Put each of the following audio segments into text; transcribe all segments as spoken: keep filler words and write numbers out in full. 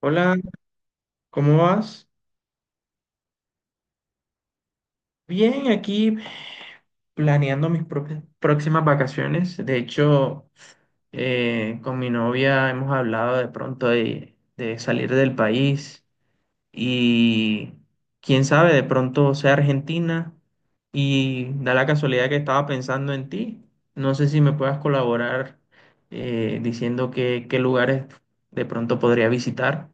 Hola, ¿cómo vas? Bien, aquí planeando mis propias- próximas vacaciones. De hecho, eh, con mi novia hemos hablado de pronto de, de salir del país y quién sabe, de pronto sea Argentina y da la casualidad que estaba pensando en ti. No sé si me puedas colaborar eh, diciendo qué qué lugares de pronto podría visitar.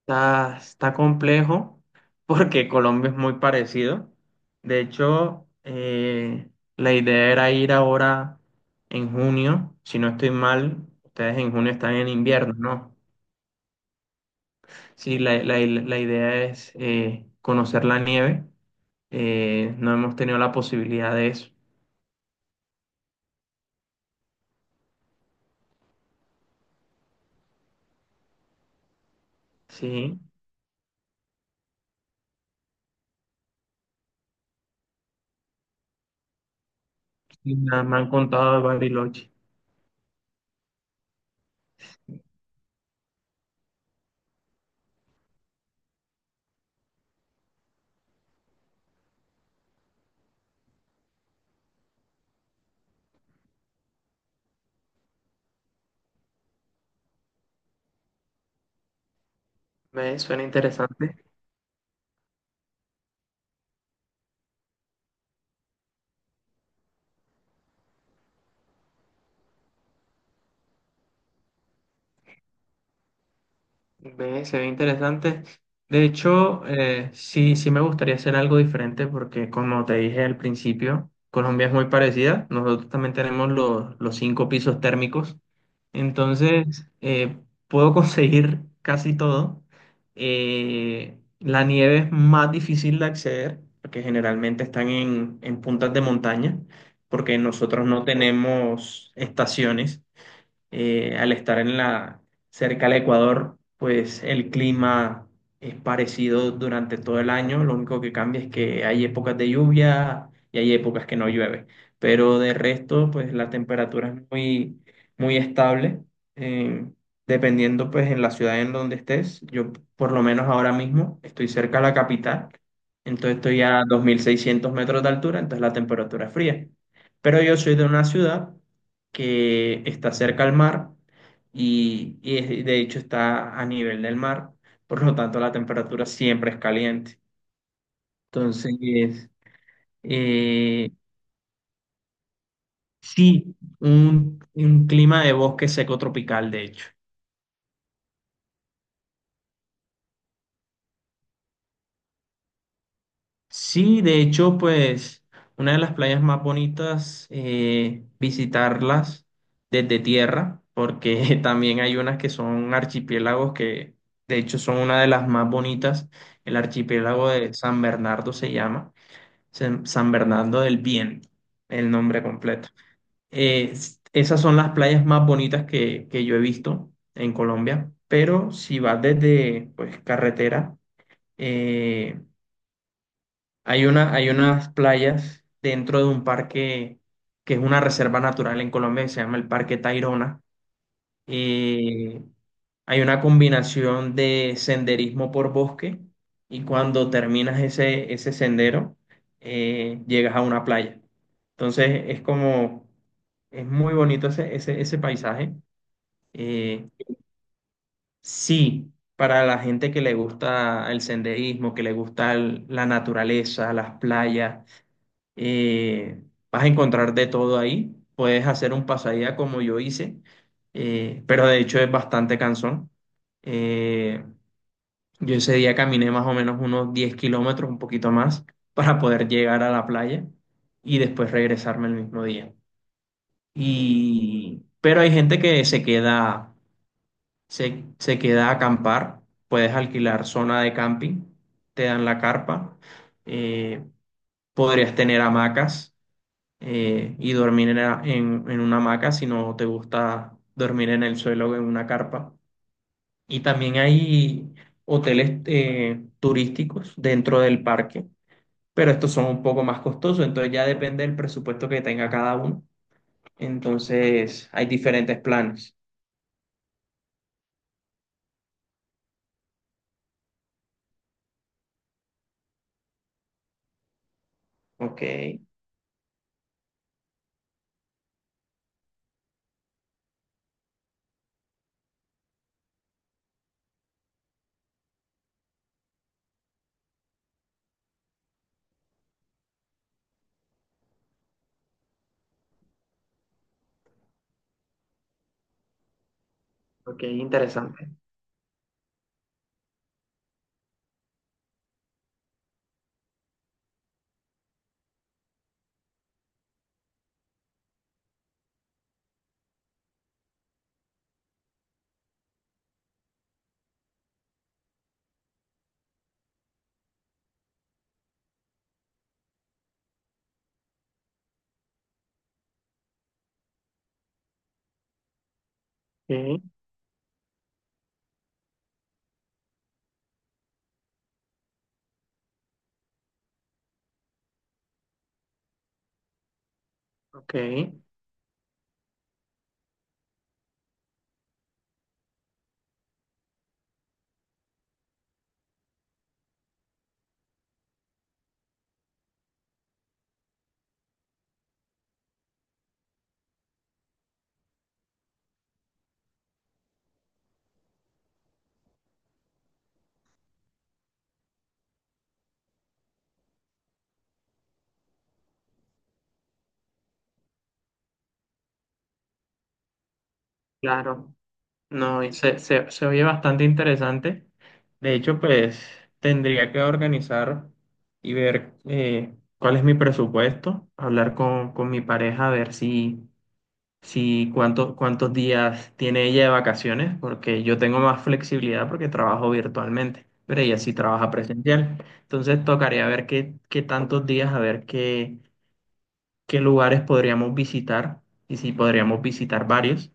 Está, está complejo porque Colombia es muy parecido. De hecho, eh, la idea era ir ahora en junio. Si no estoy mal, ustedes en junio están en invierno, ¿no? Sí, la, la- la idea es eh, conocer la nieve. Eh, no hemos tenido la posibilidad de eso. Sí. Y nada, me han contado de Bariloche. Me suena interesante. Ve, se ve interesante. De hecho, eh, sí, sí me gustaría hacer algo diferente porque, como te dije al principio, Colombia es muy parecida. Nosotros también tenemos los, los cinco pisos térmicos. Entonces, eh, puedo conseguir casi todo. Eh, la nieve es más difícil de acceder porque generalmente están en, en puntas de montaña porque nosotros no tenemos estaciones. Eh, al estar en la, cerca del Ecuador, pues el clima es parecido durante todo el año. Lo único que cambia es que hay épocas de lluvia y hay épocas que no llueve. Pero de resto, pues la temperatura es muy, muy estable. eh, dependiendo, pues, en la ciudad en donde estés. Yo, por lo menos ahora mismo, estoy cerca de la capital. Entonces estoy a dos mil seiscientos metros de altura, entonces la temperatura es fría. Pero yo soy de una ciudad que está cerca al mar y, y es- de hecho está a nivel del mar, por lo tanto la temperatura siempre es caliente. Entonces, eh, sí, un, un clima de bosque seco tropical, de hecho. Sí, de hecho, pues una de las playas más bonitas, eh, visitarlas desde tierra, porque también hay unas que son archipiélagos que de hecho son una de las más bonitas. El archipiélago de San Bernardo se llama San San Bernardo del Viento, el nombre completo. Eh, s- esas son las playas más bonitas que, que yo he visto en Colombia, pero si vas desde pues, carretera, eh, hay una, hay unas playas dentro de un parque que es una reserva natural en Colombia que se llama el Parque Tayrona. Eh, hay una combinación de senderismo por bosque y cuando terminas ese, ese sendero, eh, llegas a una playa. Entonces es como, es muy bonito ese, ese, ese paisaje. Eh, sí, para la gente que le gusta el senderismo, que le gusta el- la naturaleza, las playas eh, vas a encontrar de todo ahí. Puedes hacer un pasadía como yo hice, eh, pero de hecho es bastante cansón. Eh, yo ese día caminé más o menos unos diez kilómetros, un poquito más, para poder llegar a la playa y después regresarme el mismo día. Y, pero hay gente que se queda, se, se queda a acampar. Puedes alquilar zona de camping, te dan la carpa, eh, podrías tener hamacas eh, y dormir en, la- en- en una hamaca si no te gusta dormir en el suelo o en una carpa. Y también hay hoteles eh, turísticos dentro del parque, pero estos son un poco más costosos, entonces ya depende del presupuesto que tenga cada uno. Entonces hay diferentes planes. Ok. Ok, interesante. Sí, ok, claro. No, y se, se, se oye bastante interesante. De hecho, pues tendría que organizar y ver eh, cuál es mi presupuesto, hablar con, con mi pareja, a ver si, si cuántos, cuántos días tiene ella de vacaciones, porque yo tengo más flexibilidad porque trabajo virtualmente, pero ella sí trabaja presencial. Entonces tocaría ver qué, qué tantos días, a ver qué, qué lugares podríamos visitar y si podríamos visitar varios.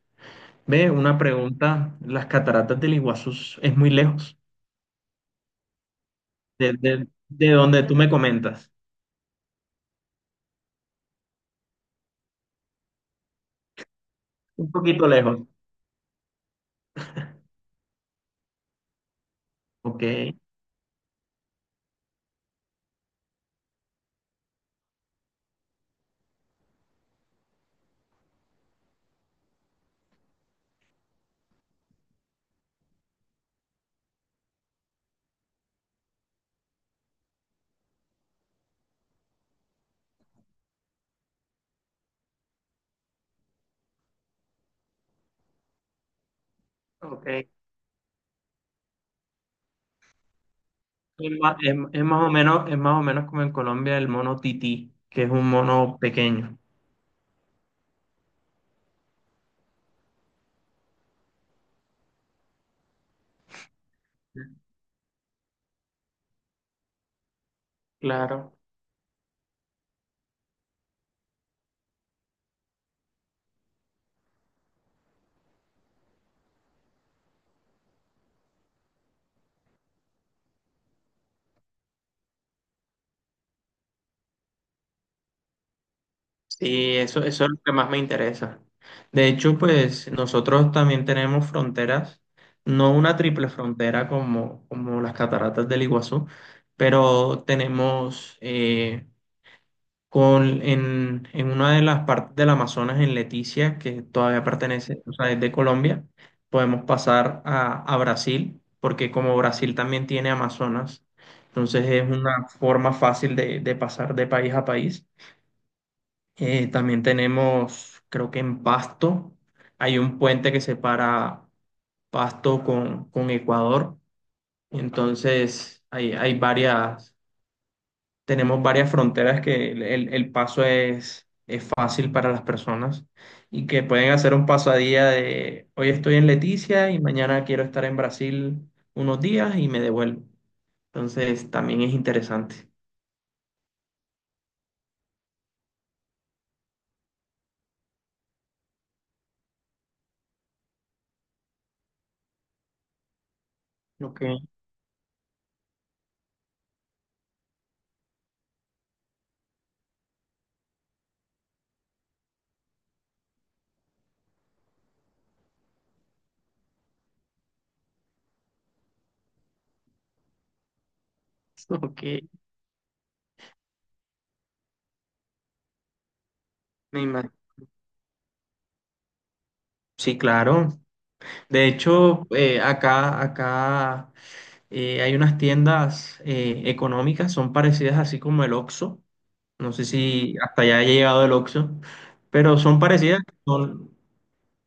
Ve, una pregunta, las cataratas del Iguazú es muy lejos, de, de- de donde tú me comentas. Un poquito lejos. Ok, ok. Es ma- es- es más, o menos, es más o menos como en Colombia el mono tití, que es un mono pequeño. Claro, sí, eso, eso es lo que más me interesa. De hecho, pues nosotros también tenemos fronteras, no una triple frontera como, como las cataratas del Iguazú, pero tenemos eh, con, en, en una de las partes del Amazonas, en Leticia, que todavía pertenece, o sea, es de Colombia, podemos pasar a, a Brasil, porque como Brasil también tiene Amazonas, entonces es una forma fácil de, de pasar de país a país. Eh, también tenemos, creo que en Pasto, hay un puente que separa Pasto con, con Ecuador, entonces hay, hay varias tenemos varias fronteras que el, el- el paso es, es fácil para las personas y que pueden hacer un paso a día de hoy estoy en Leticia y mañana quiero estar en Brasil unos días y me devuelvo. Entonces también es interesante. Ok, ok. Me imagino. Sí, claro. De hecho, eh, acá, acá eh, hay unas tiendas eh, económicas, son parecidas así como el Oxxo. No sé si hasta allá haya llegado el Oxxo, pero son parecidas. Son,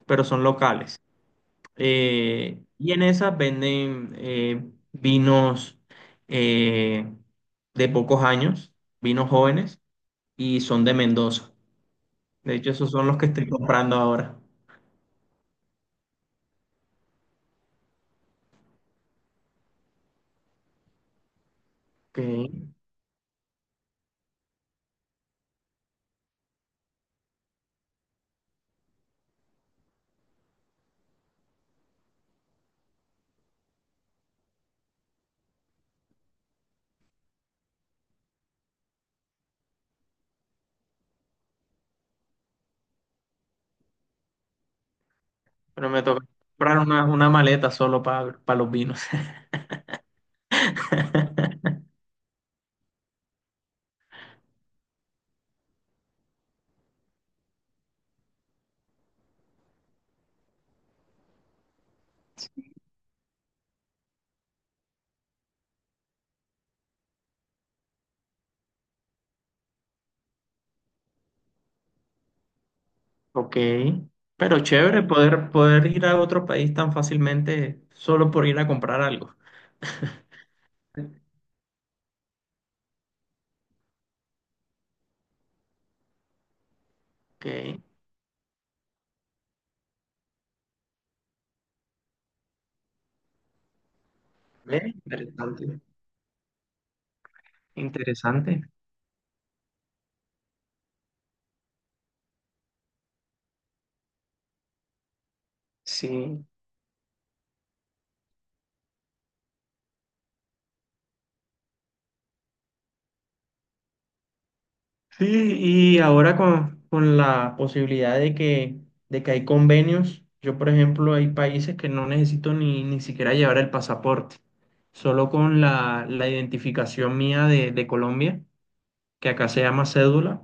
pero son locales. Eh, y en esas venden eh, vinos eh, de pocos años, vinos jóvenes, y son de Mendoza. De hecho, esos son los que estoy comprando ahora. Ok. Pero me toca comprar una, una maleta solo para los vinos. Ok. Pero chévere poder, poder ir a otro país tan fácilmente solo por ir a comprar algo. Ok. Ve, interesante. Interesante. Sí. Sí, y ahora con, con la posibilidad de que, de que hay convenios, yo por ejemplo hay países que no necesito ni, ni siquiera llevar el pasaporte, solo con la, la identificación mía de, de Colombia, que acá se llama cédula,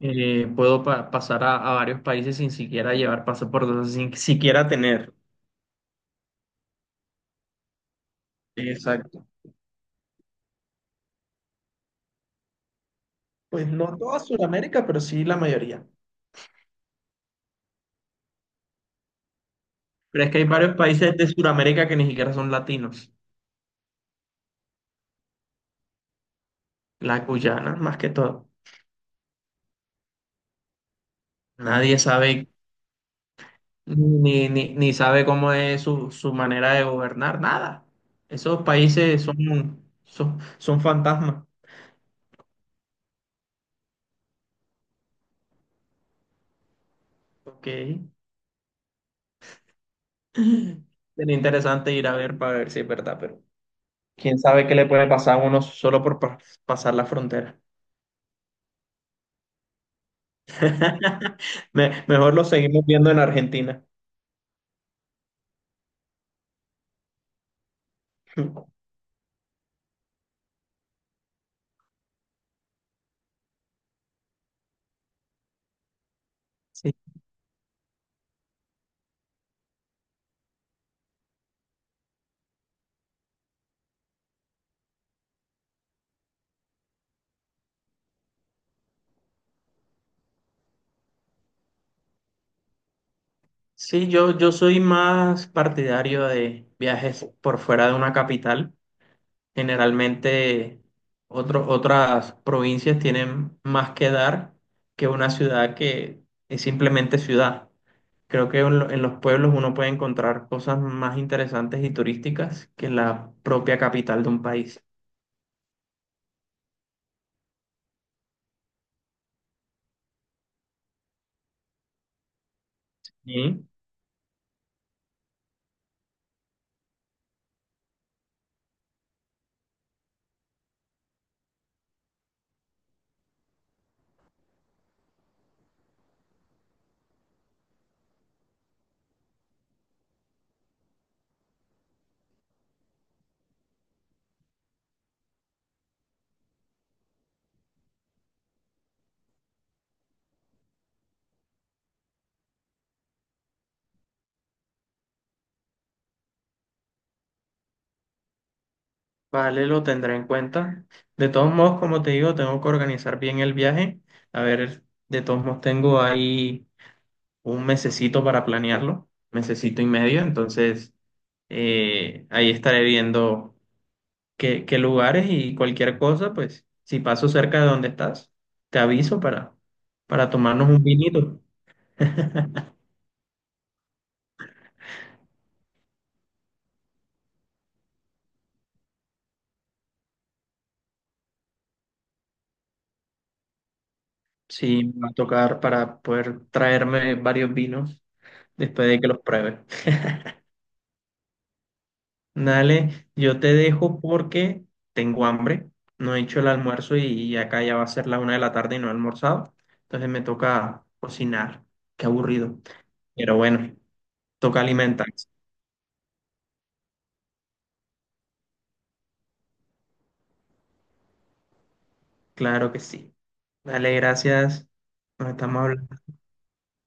eh, puedo pa- pasar a, a varios países sin siquiera llevar pasaporte, o sea, sin siquiera tener. Exacto. Pues no toda Sudamérica, pero sí la mayoría. Pero es que hay varios países de Sudamérica que ni siquiera son latinos, la Guyana más que todo. Nadie sabe ni, ni, ni sabe cómo es su, su manera de gobernar, nada. Esos países son, son, son, fantasmas. Ok. Sería interesante ir a ver para ver si es verdad, pero quién sabe qué le puede pasar a uno solo por pa- pasar la frontera. Me- mejor lo seguimos viendo en Argentina. Sí, sí, yo, yo soy más partidario de viajes por fuera de una capital. Generalmente otro- otras provincias tienen más que dar que una ciudad que es simplemente ciudad. Creo que en, lo- en los pueblos uno puede encontrar cosas más interesantes y turísticas que en la propia capital de un país. Y, vale, lo tendré en cuenta. De todos modos, como te digo, tengo que organizar bien el viaje. A ver, de todos modos tengo ahí un mesecito para planearlo, mesecito y medio, entonces eh, ahí estaré viendo. qué, qué lugares y cualquier cosa, pues si paso cerca de donde estás, te aviso para, para tomarnos un vinito. Sí, me va a tocar para poder traerme varios vinos después de que los pruebe. Dale, yo te dejo porque tengo hambre, no he hecho el almuerzo y y acá ya va a ser la una de la tarde y no he almorzado, entonces me toca cocinar, qué aburrido, pero bueno, toca alimentarse, claro que sí. Dale, gracias, nos estamos hablando.